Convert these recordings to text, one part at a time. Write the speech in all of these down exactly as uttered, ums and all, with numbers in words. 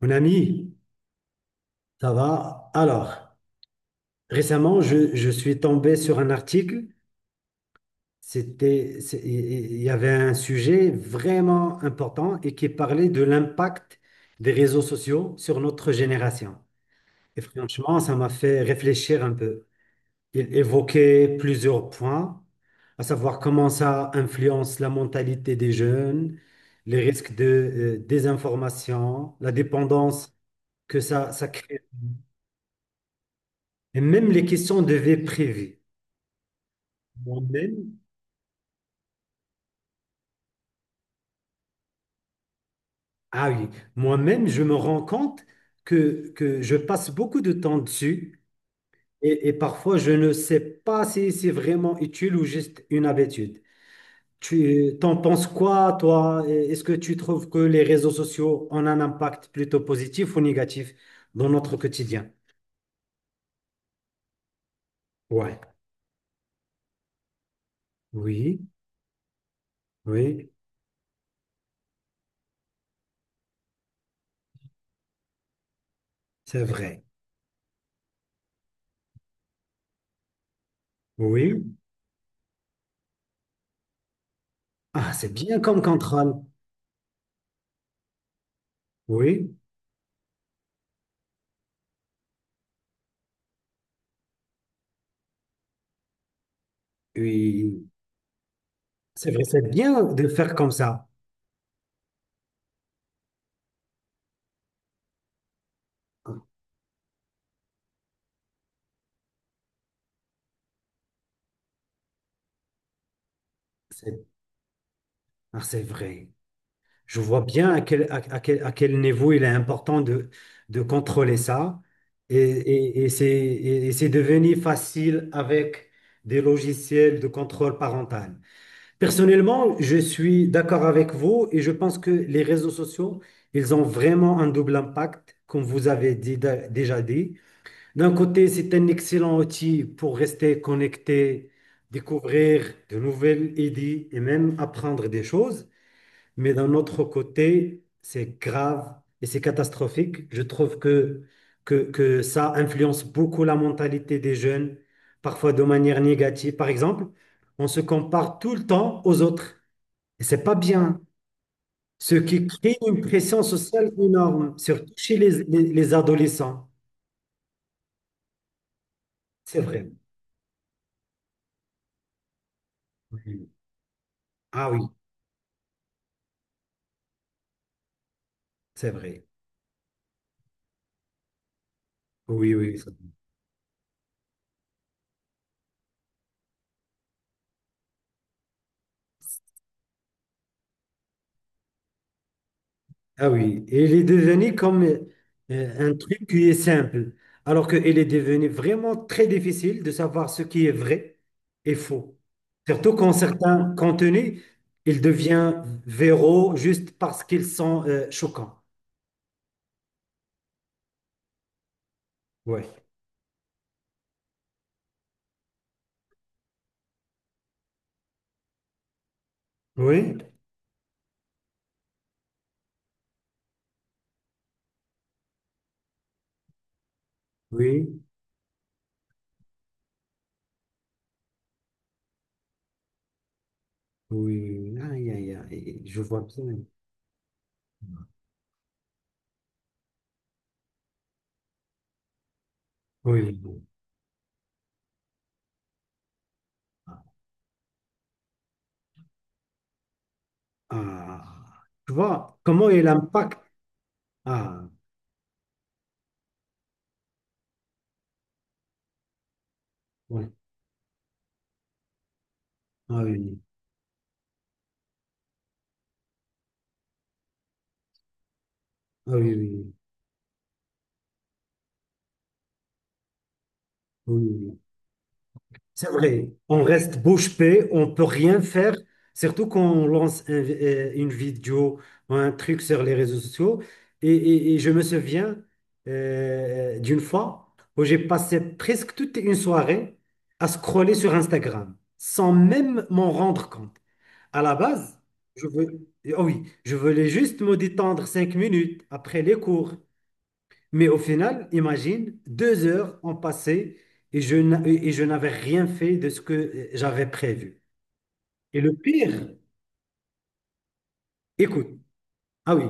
Mon ami, ça va? Alors, récemment, je, je suis tombé sur un article. C'était, c'est- il il y avait un sujet vraiment important et qui parlait de l'impact des réseaux sociaux sur notre génération. Et franchement, ça m'a fait réfléchir un peu. Il évoquait plusieurs points, à savoir comment ça influence la mentalité des jeunes, les risques de euh, désinformation, la dépendance que ça, ça crée. Et même les questions de vie privée. Moi-même, ah oui, moi-même, je me rends compte que, que je passe beaucoup de temps dessus et, et parfois je ne sais pas si c'est vraiment utile ou juste une habitude. Tu t'en penses quoi, toi? Est-ce que tu trouves que les réseaux sociaux ont un impact plutôt positif ou négatif dans notre quotidien? Ouais. Oui, oui, c'est vrai. Oui. Ah, c'est bien comme contrôle. Oui, oui. C'est vrai, c'est bien de faire comme ça. C'est ah, c'est vrai. Je vois bien à quel, à, à quel, à quel niveau il est important de, de contrôler ça. Et, et, et c'est et- et c'est devenu facile avec des logiciels de contrôle parental. Personnellement, je suis d'accord avec vous et je pense que les réseaux sociaux, ils ont vraiment un double impact, comme vous avez dit- déjà dit. D'un côté, c'est un excellent outil pour rester connecté, découvrir de nouvelles idées et même apprendre des choses. Mais d'un autre côté, c'est grave et c'est catastrophique. Je trouve que, que, que ça influence beaucoup la mentalité des jeunes, parfois de manière négative. Par exemple, on se compare tout le temps aux autres. Et c'est pas bien. Ce qui crée une pression sociale énorme, surtout chez les, les les adolescents. C'est vrai. Oui. Ah oui, c'est vrai. Oui, oui. ça- Ah oui, et il est devenu comme euh, un truc qui est simple, alors qu'il est devenu vraiment très difficile de savoir ce qui est vrai et faux. Surtout quand certains contenus, ils deviennent viraux juste parce qu'ils sont euh, choquants. Ouais. Oui, oui, oui, oui. Aïe, aïe, aïe, je vois bien. Oui. Ah, tu vois, comment il impacte. Ah, ouais. Ah oui, ah oui, oui, oui. Oui. C'est vrai, on reste bouche bée, on peut rien faire, surtout quand on lance un- euh, une vidéo ou un truc sur les réseaux sociaux. Et, et- et je me souviens euh, d'une fois où j'ai passé presque toute une soirée à scroller sur Instagram sans même m'en rendre compte. À la base, je veux, oh oui, je voulais juste me détendre cinq minutes après les cours. Mais au final, imagine, deux heures ont passé et je, n'a- et je n'avais rien fait de ce que euh, j'avais prévu. Et le pire, écoute, ah oui,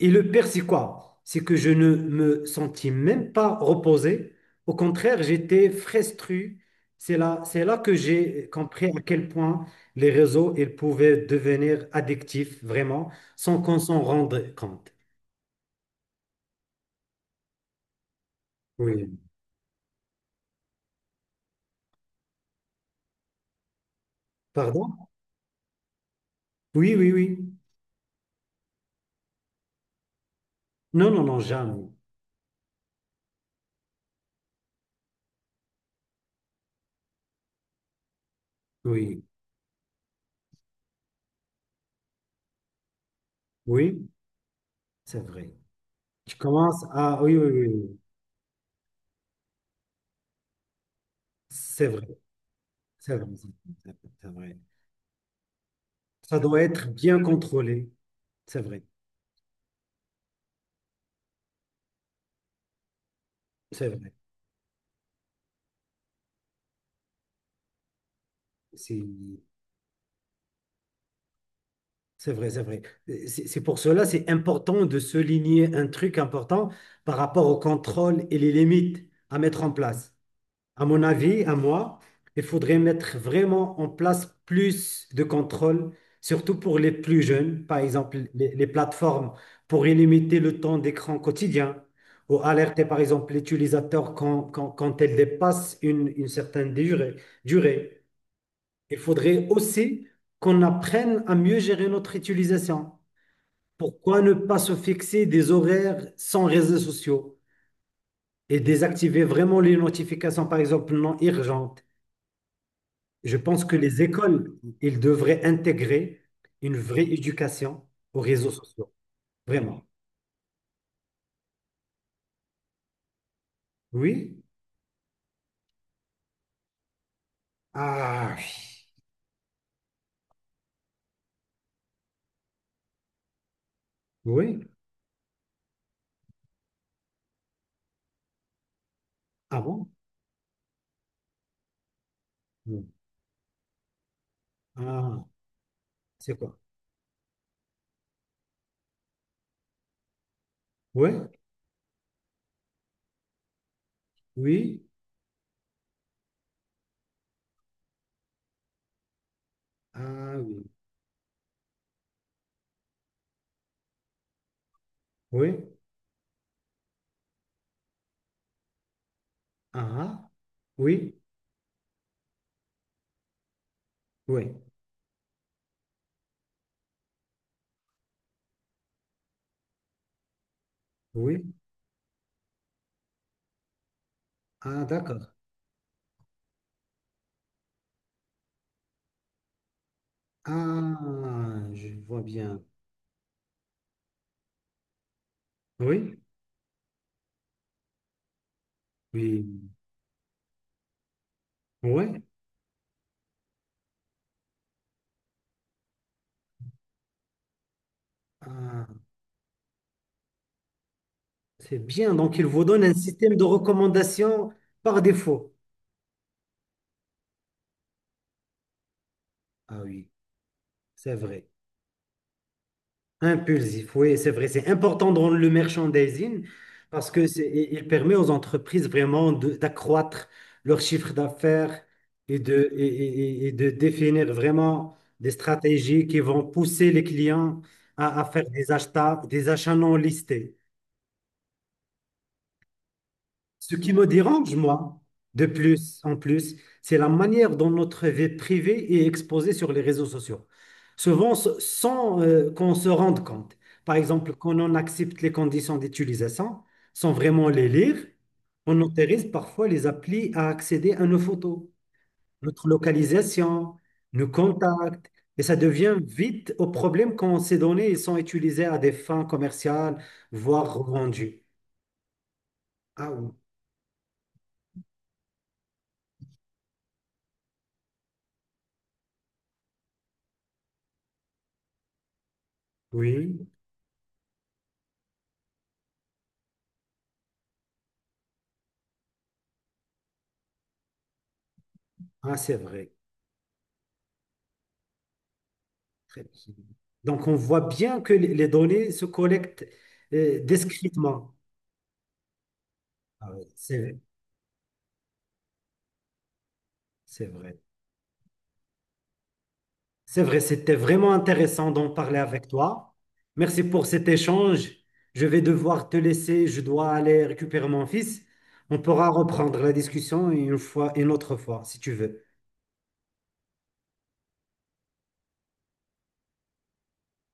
et le pire, c'est quoi? C'est que je ne me sentis même pas reposé. Au contraire, j'étais frustré. C'est là, c'est là que j'ai compris à quel point les réseaux, ils pouvaient devenir addictifs, vraiment, sans qu'on s'en rende compte. Oui. Pardon? Oui, oui, oui. Non, non, non, jamais. Oui. Oui. C'est vrai. Tu commences à... Oui, oui, oui. Oui. C'est vrai. C'est vrai. C'est vrai. C'est vrai. Ça doit être bien contrôlé. C'est vrai. C'est vrai. C'est c'est vrai. C'est vrai. C'est c'est pour cela, c'est important de souligner un truc important par rapport au contrôle et les limites à mettre en place. À mon avis, à moi, il faudrait mettre vraiment en place plus de contrôle, surtout pour les plus jeunes, par exemple les, les plateformes, pour limiter le temps d'écran quotidien ou alerter par exemple l'utilisateur quand, quand, quand elle dépasse une, une certaine durée, durée. Il faudrait aussi qu'on apprenne à mieux gérer notre utilisation. Pourquoi ne pas se fixer des horaires sans réseaux sociaux et désactiver vraiment les notifications, par exemple, non urgentes? Je pense que les écoles, ils devraient intégrer une vraie éducation aux réseaux sociaux. Vraiment. Oui? Ah, oui. Ah bon? Oui. Ah, c'est quoi? Oui? Oui? Ah, oui. Oui? Ah, oui? Oui? Oui? Ah, d'accord. Ah, je vois bien. Oui? Oui? Oui? Ah, c'est bien. Donc, il vous donne un système de recommandation par défaut. Ah oui, c'est vrai. Impulsif, oui, c'est vrai. C'est important dans le merchandising parce que c'est- il il permet aux entreprises vraiment de- d'accroître leur chiffre d'affaires et de, et, et- et- et de définir vraiment des stratégies qui vont pousser les clients à, à faire des achats, des achats non listés. Ce qui me dérange, moi, de plus en plus, c'est la manière dont notre vie privée est exposée sur les réseaux sociaux. Souvent, s- sans euh, qu'on se rende compte. Par exemple, quand on accepte les conditions d'utilisation, sans vraiment les lire, on autorise parfois les applis à accéder à nos photos, notre localisation, nos contacts, et ça devient vite au problème quand ces données sont utilisées à des fins commerciales, voire revendues. Ah oui, oui, ah c'est vrai. Très bien. Donc, on voit bien que les les données se collectent euh, discrètement. Ah oui, c'est vrai, c'est vrai. C'est vrai, c'était vraiment intéressant d'en parler avec toi. Merci pour cet échange. Je vais devoir te laisser, je dois aller récupérer mon fils. On pourra reprendre la discussion une fois, une autre fois, si tu veux.